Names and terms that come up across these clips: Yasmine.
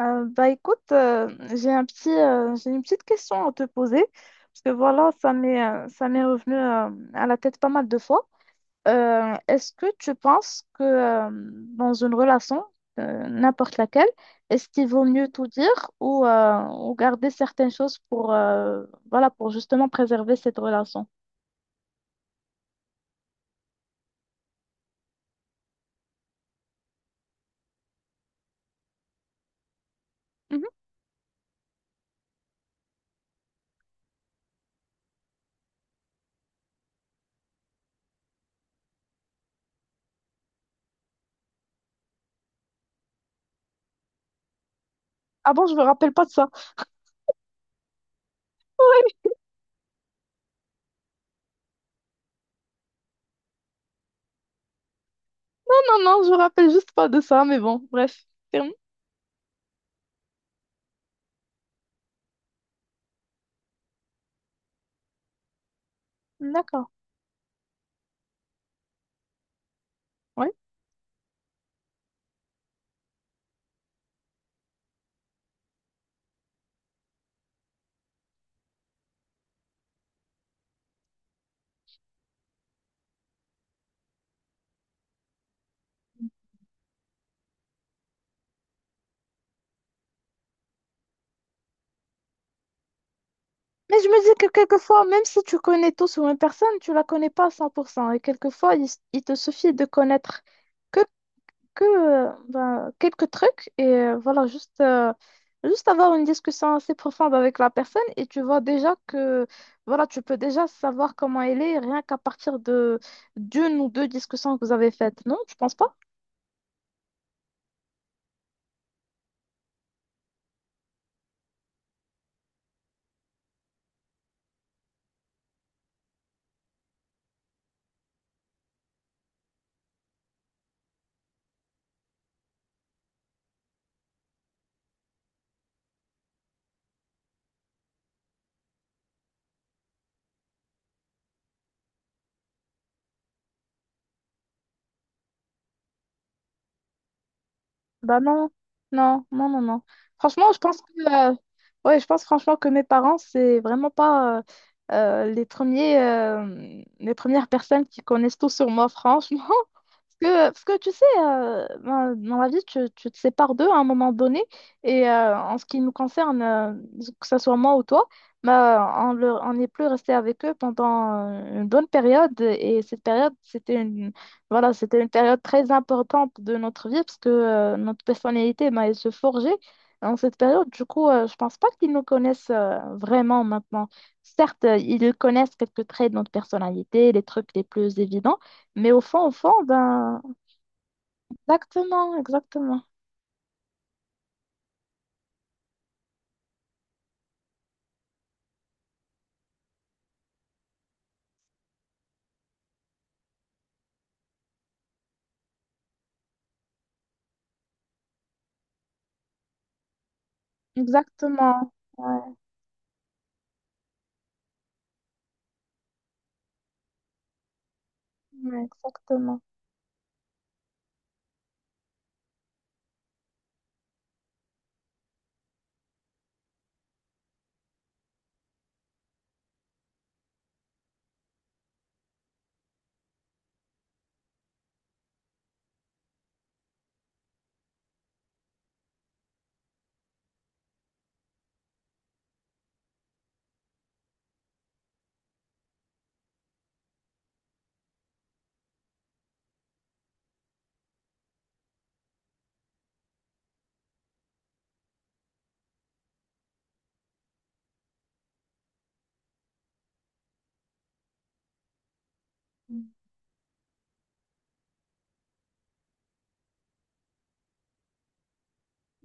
Bah écoute, j'ai une petite question à te poser, parce que voilà, ça m'est revenu à la tête pas mal de fois. Est-ce que tu penses que dans une relation, n'importe laquelle, est-ce qu'il vaut mieux tout dire ou garder certaines choses voilà, pour justement préserver cette relation? Mhm. Ah bon, je me rappelle pas de ça. Non, non, je me rappelle juste pas de ça, mais bon, bref. Ferme. D'accord. Ouais. Mais je me dis que quelquefois, même si tu connais tout sur une personne, tu la connais pas à 100%. Et quelquefois, il te suffit de connaître que, que ben, quelques trucs et voilà, juste avoir une discussion assez profonde avec la personne et tu vois déjà que voilà, tu peux déjà savoir comment elle est rien qu'à partir de d'une ou deux discussions que vous avez faites. Non, tu penses pas? Bah non, non, non, non, non. Franchement, je pense que, ouais, je pense franchement que mes parents, c'est vraiment pas les premières personnes qui connaissent tout sur moi, franchement. Parce que tu sais, ben, dans la vie, tu te sépares d'eux à un moment donné. Et en ce qui nous concerne, que ce soit moi ou toi, bah, on n'est plus resté avec eux pendant une bonne période. Et cette période, c'était voilà, c'était une période très importante de notre vie parce que notre personnalité, ben, elle se forgeait en cette période. Du coup, je pense pas qu'ils nous connaissent vraiment maintenant. Certes, ils connaissent quelques traits de notre personnalité, les trucs les plus évidents, mais au fond, ben, exactement, exactement, exactement. Ouais, ouais, exactement.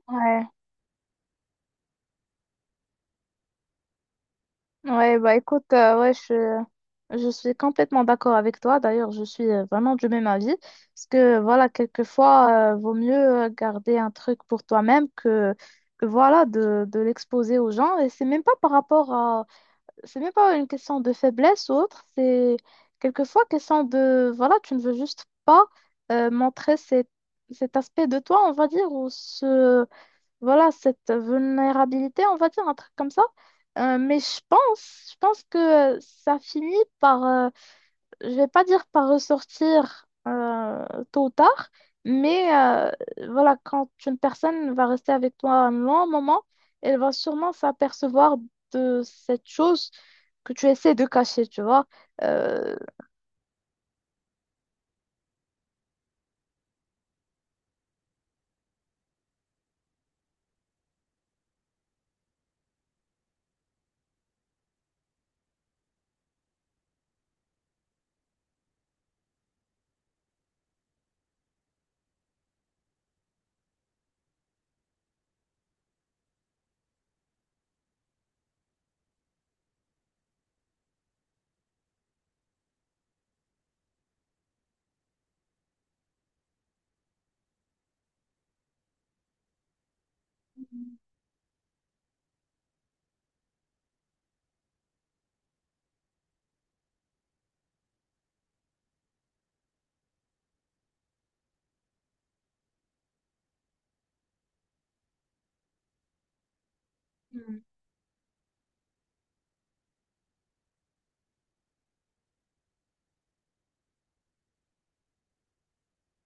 Ouais. Ouais, bah écoute, ouais, je suis complètement d'accord avec toi. D'ailleurs, je suis vraiment du même avis. Parce que voilà, quelquefois, vaut mieux garder un truc pour toi-même que voilà, de l'exposer aux gens. Et c'est même pas par rapport à. C'est même pas une question de faiblesse ou autre. C'est quelquefois question de. Voilà, tu ne veux juste pas montrer cet aspect de toi, on va dire, ou ce voilà, cette vulnérabilité, on va dire un truc comme ça. Mais je pense que ça finit par, euh, je vais pas dire par ressortir tôt ou tard, mais voilà, quand une personne va rester avec toi un long moment, elle va sûrement s'apercevoir de cette chose que tu essaies de cacher, tu vois. Euh,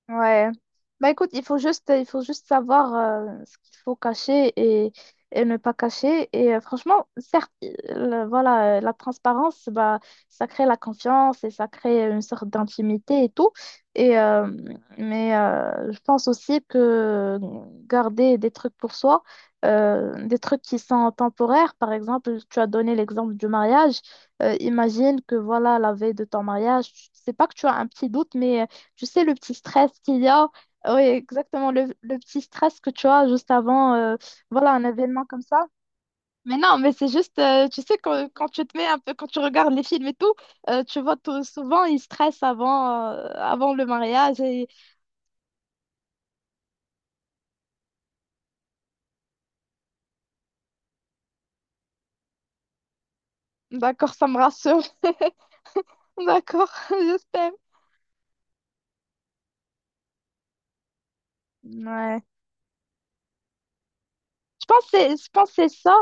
Ouais. Bah écoute, il faut juste savoir ce qu'il faut cacher et ne pas cacher. Et franchement, certes, voilà, la transparence, bah, ça crée la confiance et ça crée une sorte d'intimité et tout. Et, euh, mais je pense aussi que garder des trucs pour soi, des trucs qui sont temporaires, par exemple, tu as donné l'exemple du mariage. Imagine que voilà, la veille de ton mariage, tu sais pas que tu as un petit doute, mais tu sais, le petit stress qu'il y a, oui, exactement, le petit stress que tu as juste avant, voilà, un événement comme ça. Mais non, mais c'est juste, tu sais, quand tu te mets un peu, quand tu regardes les films et tout, tu vois souvent, ils stressent avant, avant le mariage. Et... D'accord, ça me rassure. D'accord, j'espère. Ouais. Je pense que c'est ça.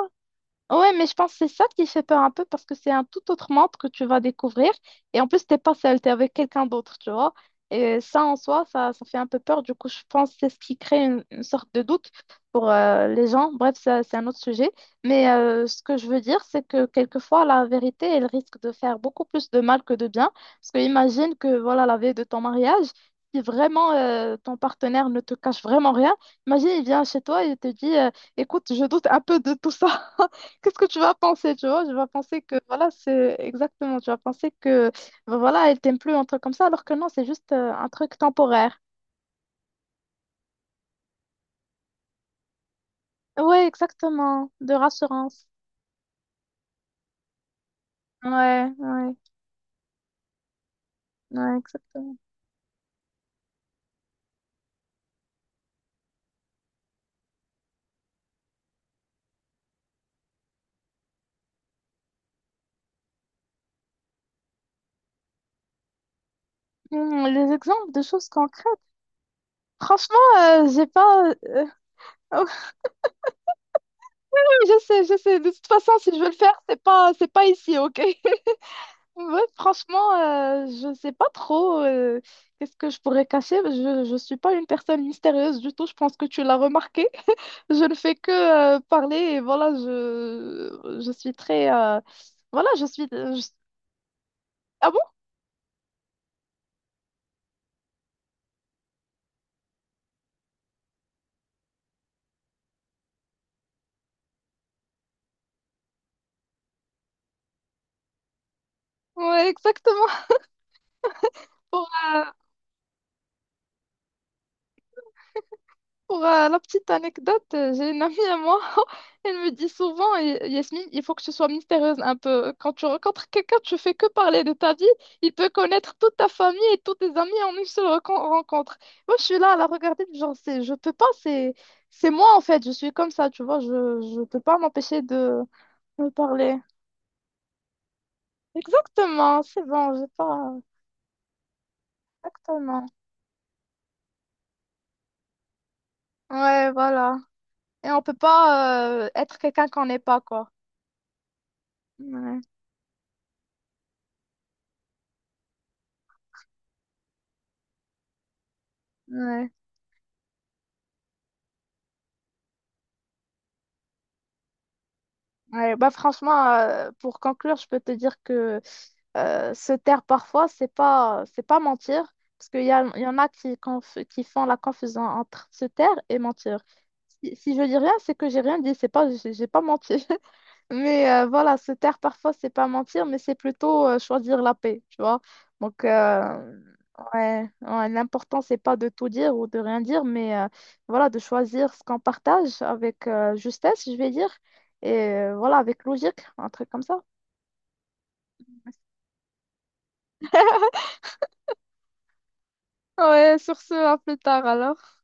Ouais, mais je pense que c'est ça qui fait peur un peu parce que c'est un tout autre monde que tu vas découvrir. Et en plus, t'es pas seul, t'es avec quelqu'un d'autre, tu vois. Et ça, en soi, ça fait un peu peur. Du coup, je pense que c'est ce qui crée une sorte de doute pour les gens. Bref, ça, c'est un autre sujet. Mais ce que je veux dire, c'est que quelquefois, la vérité, elle risque de faire beaucoup plus de mal que de bien. Parce que imagine que, voilà, la veille de ton mariage, si vraiment ton partenaire ne te cache vraiment rien, imagine, il vient chez toi et il te dit, écoute, je doute un peu de tout ça. qu'est-ce que tu vas penser, tu vois? Je vais penser que, voilà, c'est exactement, tu vas penser que, voilà, elle t'aime plus, un truc comme ça, alors que non, c'est juste un truc temporaire. Ouais, exactement, de rassurance. Ouais, ouais, ouais, exactement. Les exemples de choses concrètes, franchement, j'ai pas. Oui, je sais, de toute façon, si je veux le faire, c'est pas ici, ok? Ouais, franchement, je sais pas trop qu'est-ce que je pourrais cacher. Je suis pas une personne mystérieuse du tout, je pense que tu l'as remarqué. Je ne fais que parler et voilà, je suis très, voilà, je suis... Ah bon? Ouais, exactement. Pour, euh, pour, la petite anecdote, j'ai une amie à moi, elle me dit souvent, Yasmine, il faut que tu sois mystérieuse un peu. Quand tu rencontres quelqu'un, tu fais que parler de ta vie, il peut connaître toute ta famille et tous tes amis en une seule rencontre. Moi, je suis là à la regarder, genre, c'est, je peux pas, c'est moi en fait, je suis comme ça, tu vois, je peux pas m'empêcher de parler. Exactement, c'est bon, j'ai pas... Exactement. Ouais, voilà. Et on peut pas être quelqu'un qu'on n'est pas, quoi. Ouais, ouais. Ouais, bah franchement, pour conclure, je peux te dire que se taire parfois, c'est pas mentir, parce qu'il y en a qui, qui font la confusion entre se taire et mentir. Si je dis rien, c'est que j'ai rien dit, c'est pas, j'ai pas menti. Mais voilà, se taire parfois, c'est pas mentir, mais c'est plutôt choisir la paix, tu vois. Donc, Ouais, ouais, l'important, c'est pas de tout dire ou de rien dire, mais voilà, de choisir ce qu'on partage avec justesse, je vais dire, et voilà, avec logique, un truc comme ça. Ouais, sur ce, à plus tard alors.